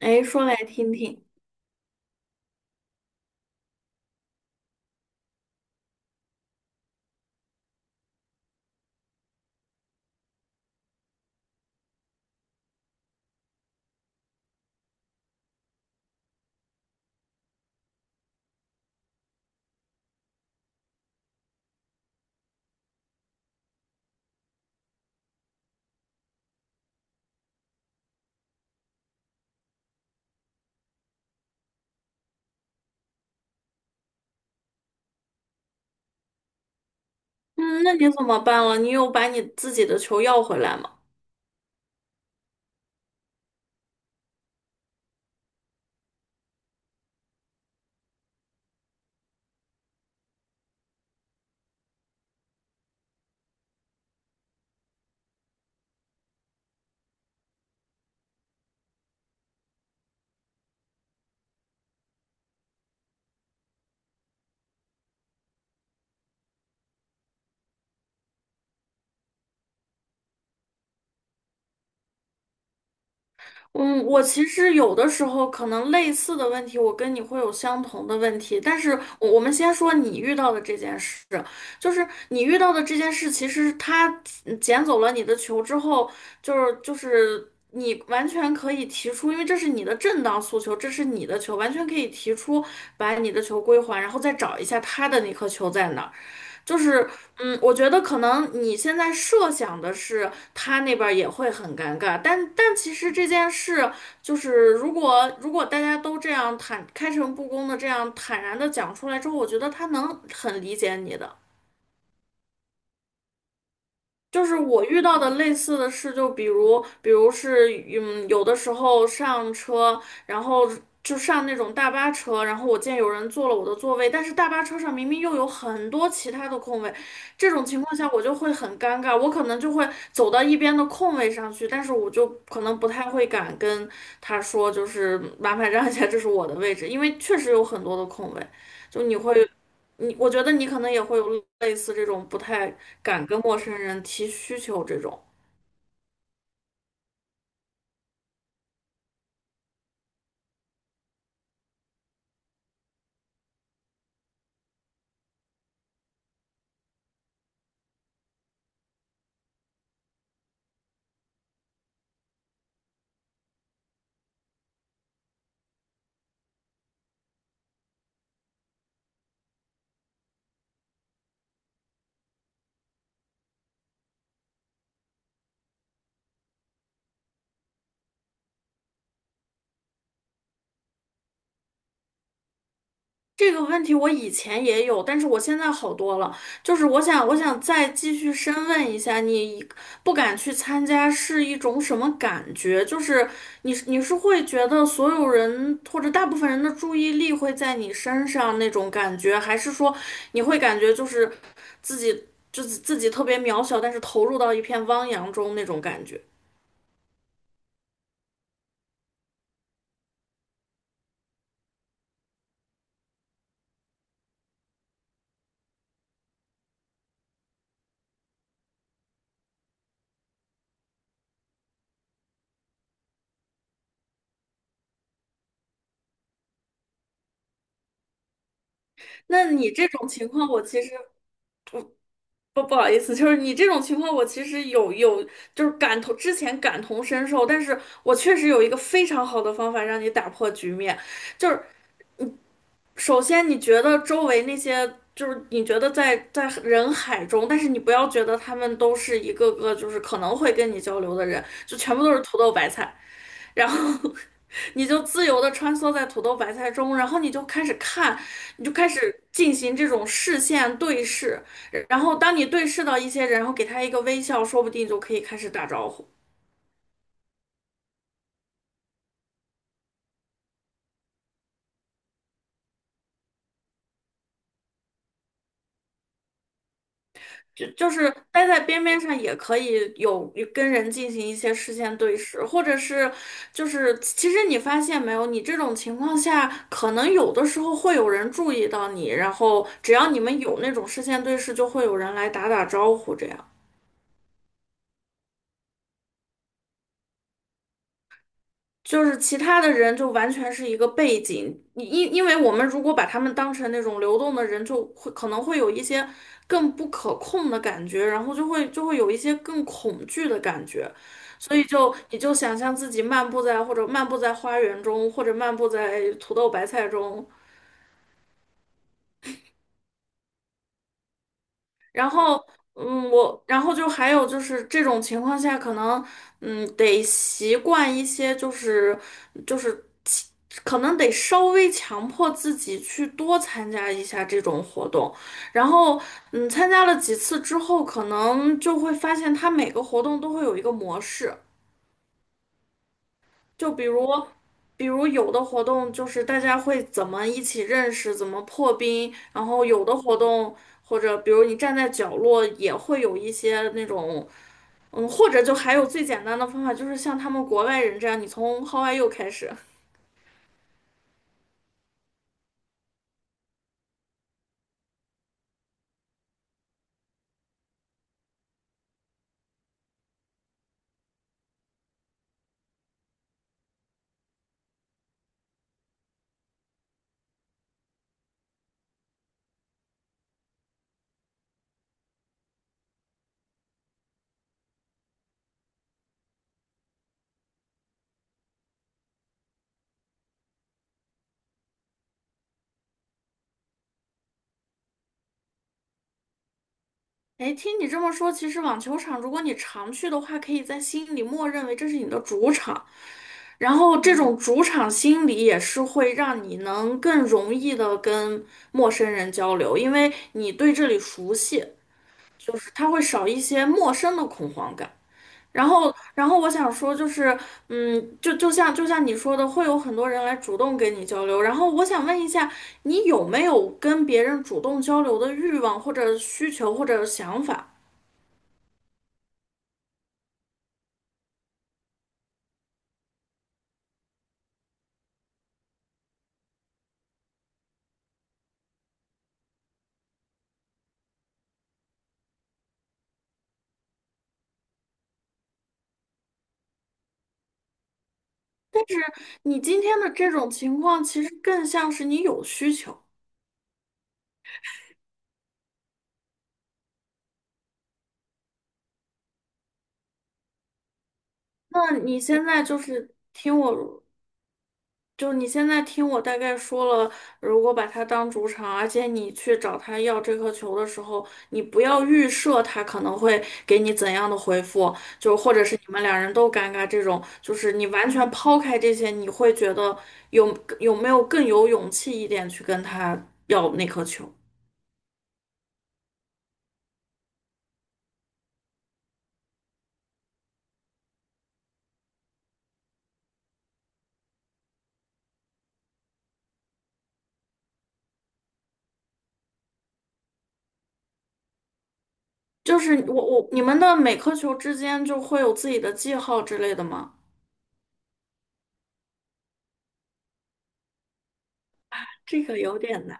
哎，说来听听。嗯，那你怎么办了？你有把你自己的球要回来吗？嗯，我其实有的时候可能类似的问题，我跟你会有相同的问题，但是我们先说你遇到的这件事，就是你遇到的这件事，其实他捡走了你的球之后，就是你完全可以提出，因为这是你的正当诉求，这是你的球，完全可以提出把你的球归还，然后再找一下他的那颗球在哪儿。就是，我觉得可能你现在设想的是他那边儿也会很尴尬，但其实这件事就是，如果大家都这样坦开诚布公的这样坦然的讲出来之后，我觉得他能很理解你的。就是我遇到的类似的事，就比如是，有的时候上车，然后就上那种大巴车，然后我见有人坐了我的座位，但是大巴车上明明又有很多其他的空位，这种情况下我就会很尴尬，我可能就会走到一边的空位上去，但是我就可能不太会敢跟他说，就是麻烦让一下，这是我的位置，因为确实有很多的空位，就你会。我觉得你可能也会有类似这种不太敢跟陌生人提需求这种。这个问题我以前也有，但是我现在好多了。就是我想再继续深问一下，你不敢去参加是一种什么感觉？就是你是会觉得所有人或者大部分人的注意力会在你身上那种感觉，还是说你会感觉就是自己特别渺小，但是投入到一片汪洋中那种感觉？那你这种情况，我其实不好意思，就是你这种情况，我其实有就是之前感同身受，但是我确实有一个非常好的方法让你打破局面，就是首先你觉得周围那些。就是你觉得在人海中，但是你不要觉得他们都是一个个就是可能会跟你交流的人，就全部都是土豆白菜。然后 你就自由的穿梭在土豆白菜中，然后你就开始看，你就开始进行这种视线对视，然后当你对视到一些人，然后给他一个微笑，说不定就可以开始打招呼。就是待在边边上也可以有跟人进行一些视线对视，或者是就是其实你发现没有，你这种情况下，可能有的时候会有人注意到你，然后只要你们有那种视线对视，就会有人来打打招呼这样。就是其他的人就完全是一个背景，你因为我们如果把他们当成那种流动的人，就会可能会有一些更不可控的感觉，然后就会有一些更恐惧的感觉，所以就你就想象自己漫步在或者漫步在花园中，或者漫步在土豆白菜中，然后，然后就还有就是这种情况下，可能，得习惯一些，就是可能得稍微强迫自己去多参加一下这种活动。然后，参加了几次之后，可能就会发现他每个活动都会有一个模式。就比如有的活动就是大家会怎么一起认识，怎么破冰，然后有的活动或者比如你站在角落也会有一些那种，或者就还有最简单的方法，就是像他们国外人这样，你从 How are you 开始。哎，听你这么说，其实网球场如果你常去的话，可以在心里默认为这是你的主场，然后这种主场心理也是会让你能更容易的跟陌生人交流，因为你对这里熟悉，就是他会少一些陌生的恐慌感。然后我想说，就是，就像你说的，会有很多人来主动跟你交流。然后我想问一下，你有没有跟别人主动交流的欲望或者需求或者想法？是。你今天的这种情况，其实更像是你有需求。那你现在就是听我，就你现在听我大概说了，如果把它当主场，而且你去找他要这颗球的时候，你不要预设他可能会给你怎样的回复，就或者是你们两人都尴尬这种，就是你完全抛开这些，你会觉得有没有更有勇气一点去跟他要那颗球？就是我你们的每颗球之间就会有自己的记号之类的吗？这个有点难。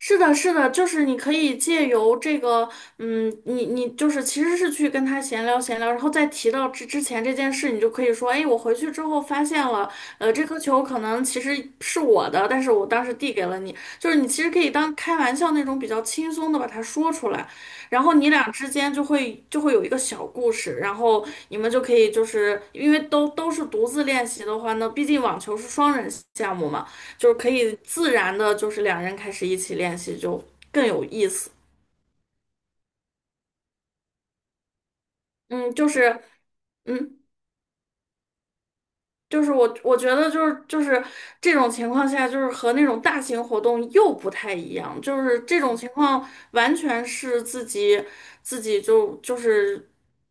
是的，是的，就是你可以借由这个，你就是其实是去跟他闲聊闲聊，然后再提到之前这件事，你就可以说，哎，我回去之后发现了，这颗球可能其实是我的，但是我当时递给了你，就是你其实可以当开玩笑那种比较轻松的把它说出来，然后你俩之间就会有一个小故事，然后你们就可以就是因为都是独自练习的话呢，毕竟网球是双人项目嘛。就是可以自然的，就是两人开始一起练习就更有意思。嗯，就是，嗯，就是我觉得就是这种情况下，就是和那种大型活动又不太一样，就是这种情况完全是自己就是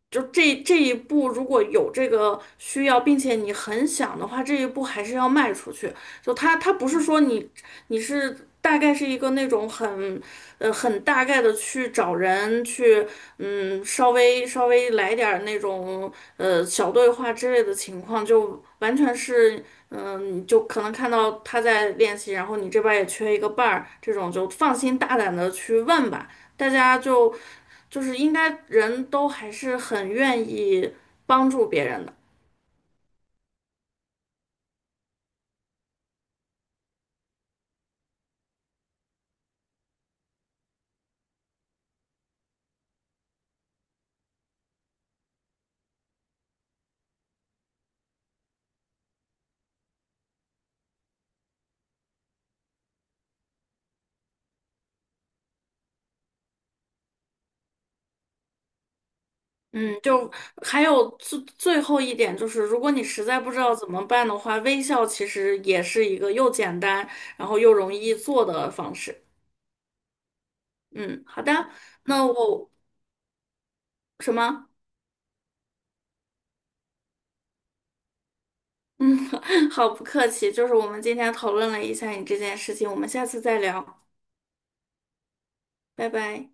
就这一步，如果有这个需要，并且你很想的话，这一步还是要迈出去。就他不是说你是大概是一个那种很。很大概的去找人去，稍微来点儿那种小对话之类的情况，就完全是，就可能看到他在练习，然后你这边儿也缺一个伴儿，这种就放心大胆的去问吧，大家就是应该人都还是很愿意帮助别人的。嗯，就还有最后一点就是，如果你实在不知道怎么办的话，微笑其实也是一个又简单，然后又容易做的方式。嗯，好的，那我什么？嗯，好，不客气，就是我们今天讨论了一下你这件事情，我们下次再聊，拜拜。